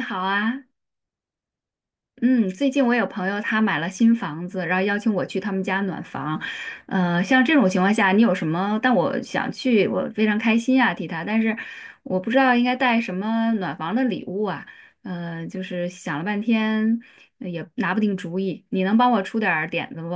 你好啊。嗯，最近我有朋友他买了新房子，然后邀请我去他们家暖房，像这种情况下，你有什么？但我想去，我非常开心啊，替他，但是我不知道应该带什么暖房的礼物啊。就是想了半天，也拿不定主意，你能帮我出点儿点子不？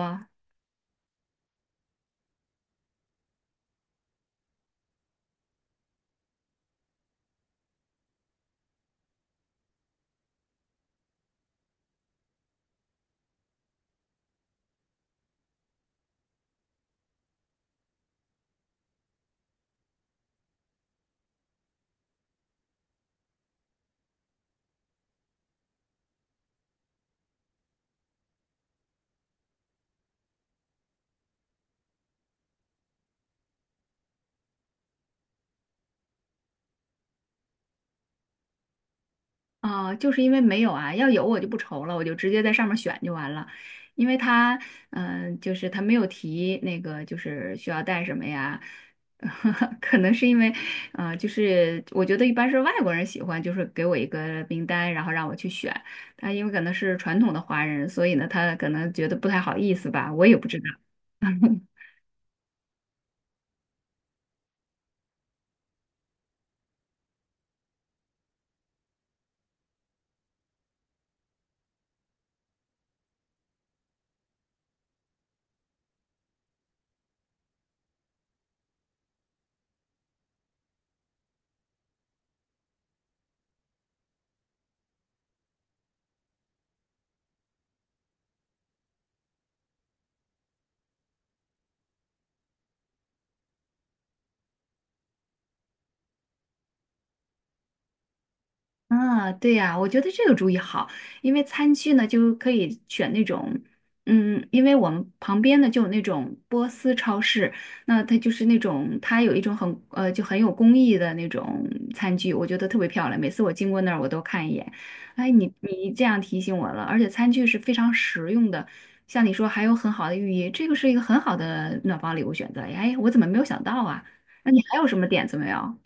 啊，就是因为没有啊，要有我就不愁了，我就直接在上面选就完了。因为他，嗯、就是他没有提那个，就是需要带什么呀？可能是因为，就是我觉得一般是外国人喜欢，就是给我一个名单，然后让我去选。他因为可能是传统的华人，所以呢，他可能觉得不太好意思吧，我也不知道。啊，对呀，我觉得这个主意好，因为餐具呢就可以选那种，嗯，因为我们旁边呢就有那种波斯超市，那它就是那种它有一种很就很有工艺的那种餐具，我觉得特别漂亮，每次我经过那儿我都看一眼。哎，你这样提醒我了，而且餐具是非常实用的，像你说还有很好的寓意，这个是一个很好的暖房礼物选择。哎，我怎么没有想到啊？那你还有什么点子没有？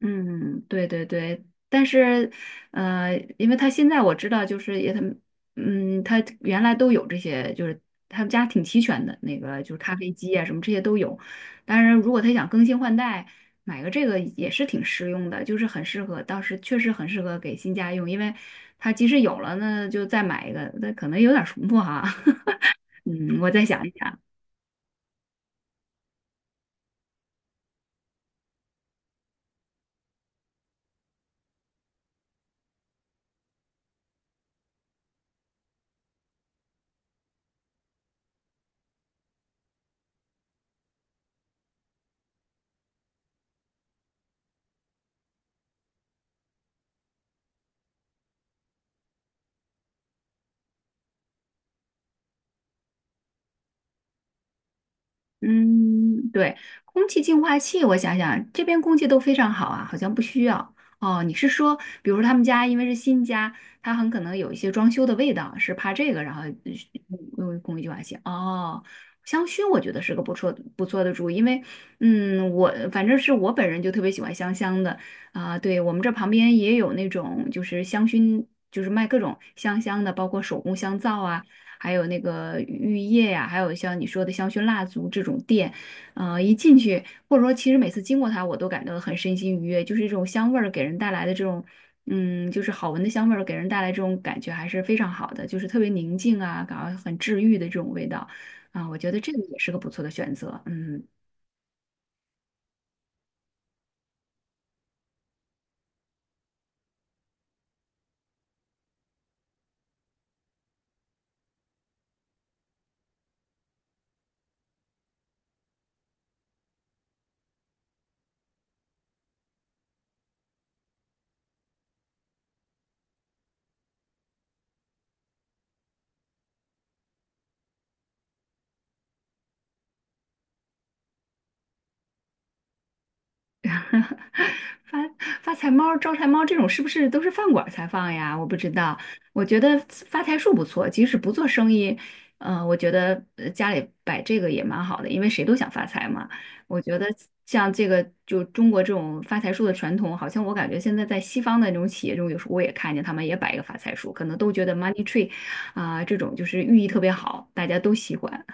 嗯，对对对，但是，因为他现在我知道，就是也他们，嗯，他原来都有这些，就是他们家挺齐全的，那个就是咖啡机啊什么这些都有。当然，如果他想更新换代，买个这个也是挺实用的，就是很适合，当时确实很适合给新家用，因为他即使有了呢，就再买一个，那可能有点重复哈。嗯，我再想一想。嗯，对，空气净化器，我想想，这边空气都非常好啊，好像不需要。哦，你是说，比如说他们家因为是新家，他很可能有一些装修的味道，是怕这个，然后用空气净化器。哦，香薰我觉得是个不错不错的主意，因为嗯，我反正是我本人就特别喜欢香香的啊。对，我们这旁边也有那种就是香薰。就是卖各种香香的，包括手工香皂啊，还有那个浴液呀、还有像你说的香薰蜡烛这种店，一进去或者说其实每次经过它，我都感到很身心愉悦，就是这种香味儿给人带来的这种。嗯，就是好闻的香味儿给人带来这种感觉还是非常好的，就是特别宁静啊，感到很治愈的这种味道啊，我觉得这个也是个不错的选择。嗯。发发财猫、招财猫这种是不是都是饭馆儿才放呀？我不知道。我觉得发财树不错，即使不做生意，我觉得家里摆这个也蛮好的，因为谁都想发财嘛。我觉得像这个就中国这种发财树的传统，好像我感觉现在在西方的那种企业中，有时候我也看见他们也摆一个发财树，可能都觉得 money tree 啊、这种就是寓意特别好，大家都喜欢。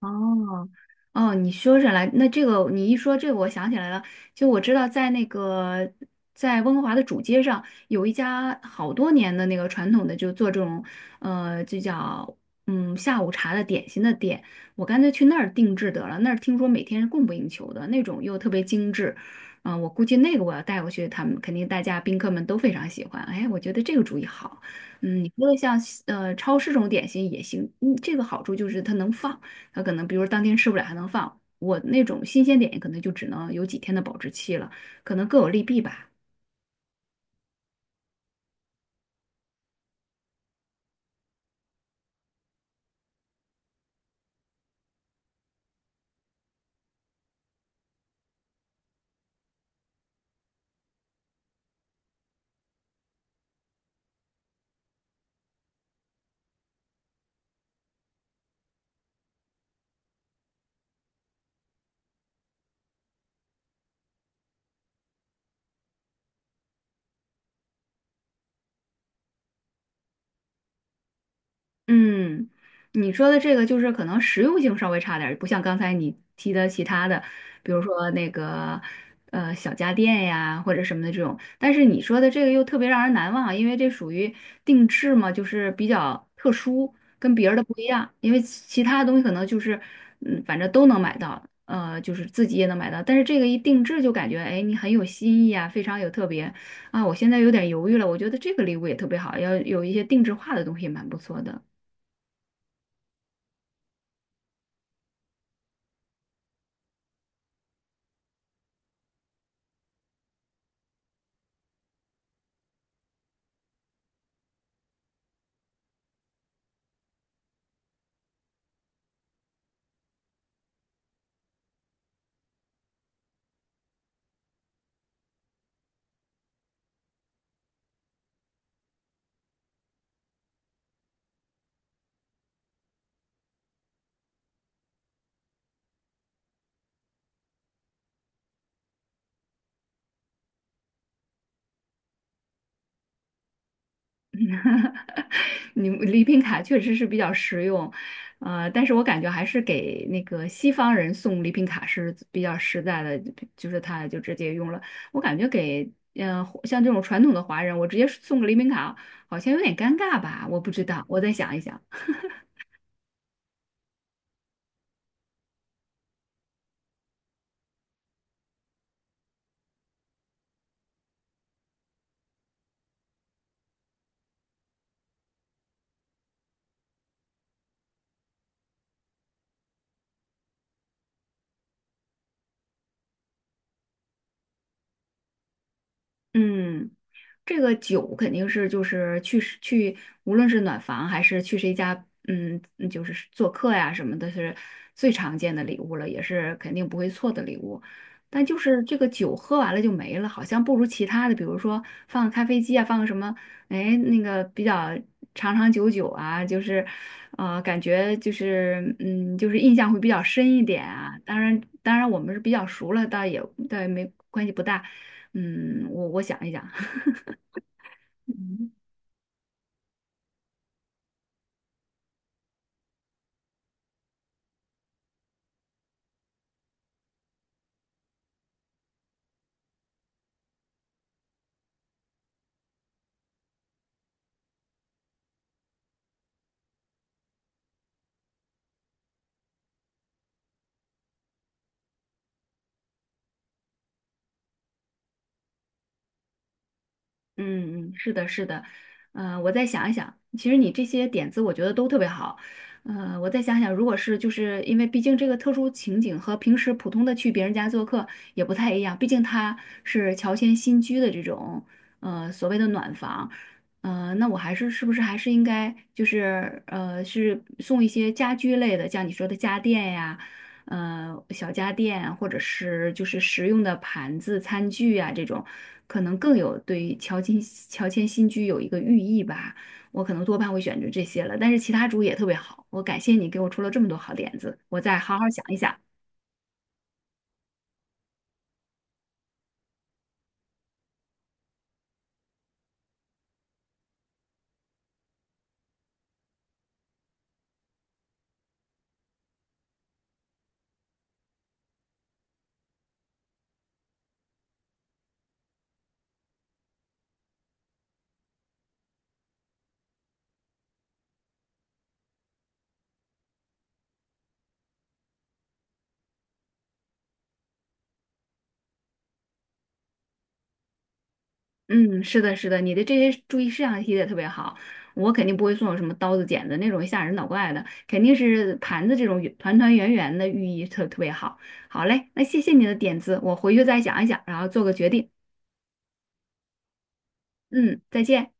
哦。哦，你说起来，那这个你一说这个，我想起来了。就我知道，在那个在温哥华的主街上，有一家好多年的那个传统的，就做这种就叫嗯下午茶的点心的店。我干脆去那儿定制得了，那儿听说每天是供不应求的，那种又特别精致。嗯、我估计那个我要带过去，他们肯定大家宾客们都非常喜欢。哎，我觉得这个主意好。嗯，你说的像超市这种点心也行，嗯，这个好处就是它能放。它可能比如当天吃不了还能放。我那种新鲜点可能就只能有几天的保质期了，可能各有利弊吧。嗯，你说的这个就是可能实用性稍微差点儿，不像刚才你提的其他的，比如说那个小家电呀或者什么的这种。但是你说的这个又特别让人难忘啊，因为这属于定制嘛，就是比较特殊，跟别人的不一样。因为其他的东西可能就是嗯，反正都能买到，就是自己也能买到。但是这个一定制就感觉哎，你很有新意啊，非常有特别啊。我现在有点犹豫了，我觉得这个礼物也特别好，要有一些定制化的东西也蛮不错的。哈哈，你礼品卡确实是比较实用，但是我感觉还是给那个西方人送礼品卡是比较实在的，就是他就直接用了。我感觉给嗯，像这种传统的华人，我直接送个礼品卡好像有点尴尬吧，我不知道，我再想一想。嗯。这个酒肯定是就是去谁去，无论是暖房还是去谁家，嗯，嗯就是做客呀什么的，是最常见的礼物了，也是肯定不会错的礼物。但就是这个酒喝完了就没了，好像不如其他的，比如说放个咖啡机啊，放个什么，哎，那个比较长长久久啊，就是，感觉就是，嗯，就是印象会比较深一点啊。当然，当然我们是比较熟了，倒也没关系不大。嗯，我想一想。嗯嗯，是的，是的，我再想一想，其实你这些点子我觉得都特别好，我再想想，如果是就是因为毕竟这个特殊情景和平时普通的去别人家做客也不太一样，毕竟它是乔迁新居的这种所谓的暖房，那我还是是不是还是应该就是是送一些家居类的，像你说的家电呀。呃小家电，或者是就是实用的盘子、餐具啊这种，可能更有对乔迁新居有一个寓意吧。我可能多半会选择这些了，但是其他主意也特别好。我感谢你给我出了这么多好点子，我再好好想一想。嗯，是的，是的，你的这些注意事项提的特别好。我肯定不会送有什么刀子、剪子那种吓人脑怪的，肯定是盘子这种团团圆圆的，寓意特别好。好嘞，那谢谢你的点子，我回去再想一想，然后做个决定。嗯，再见。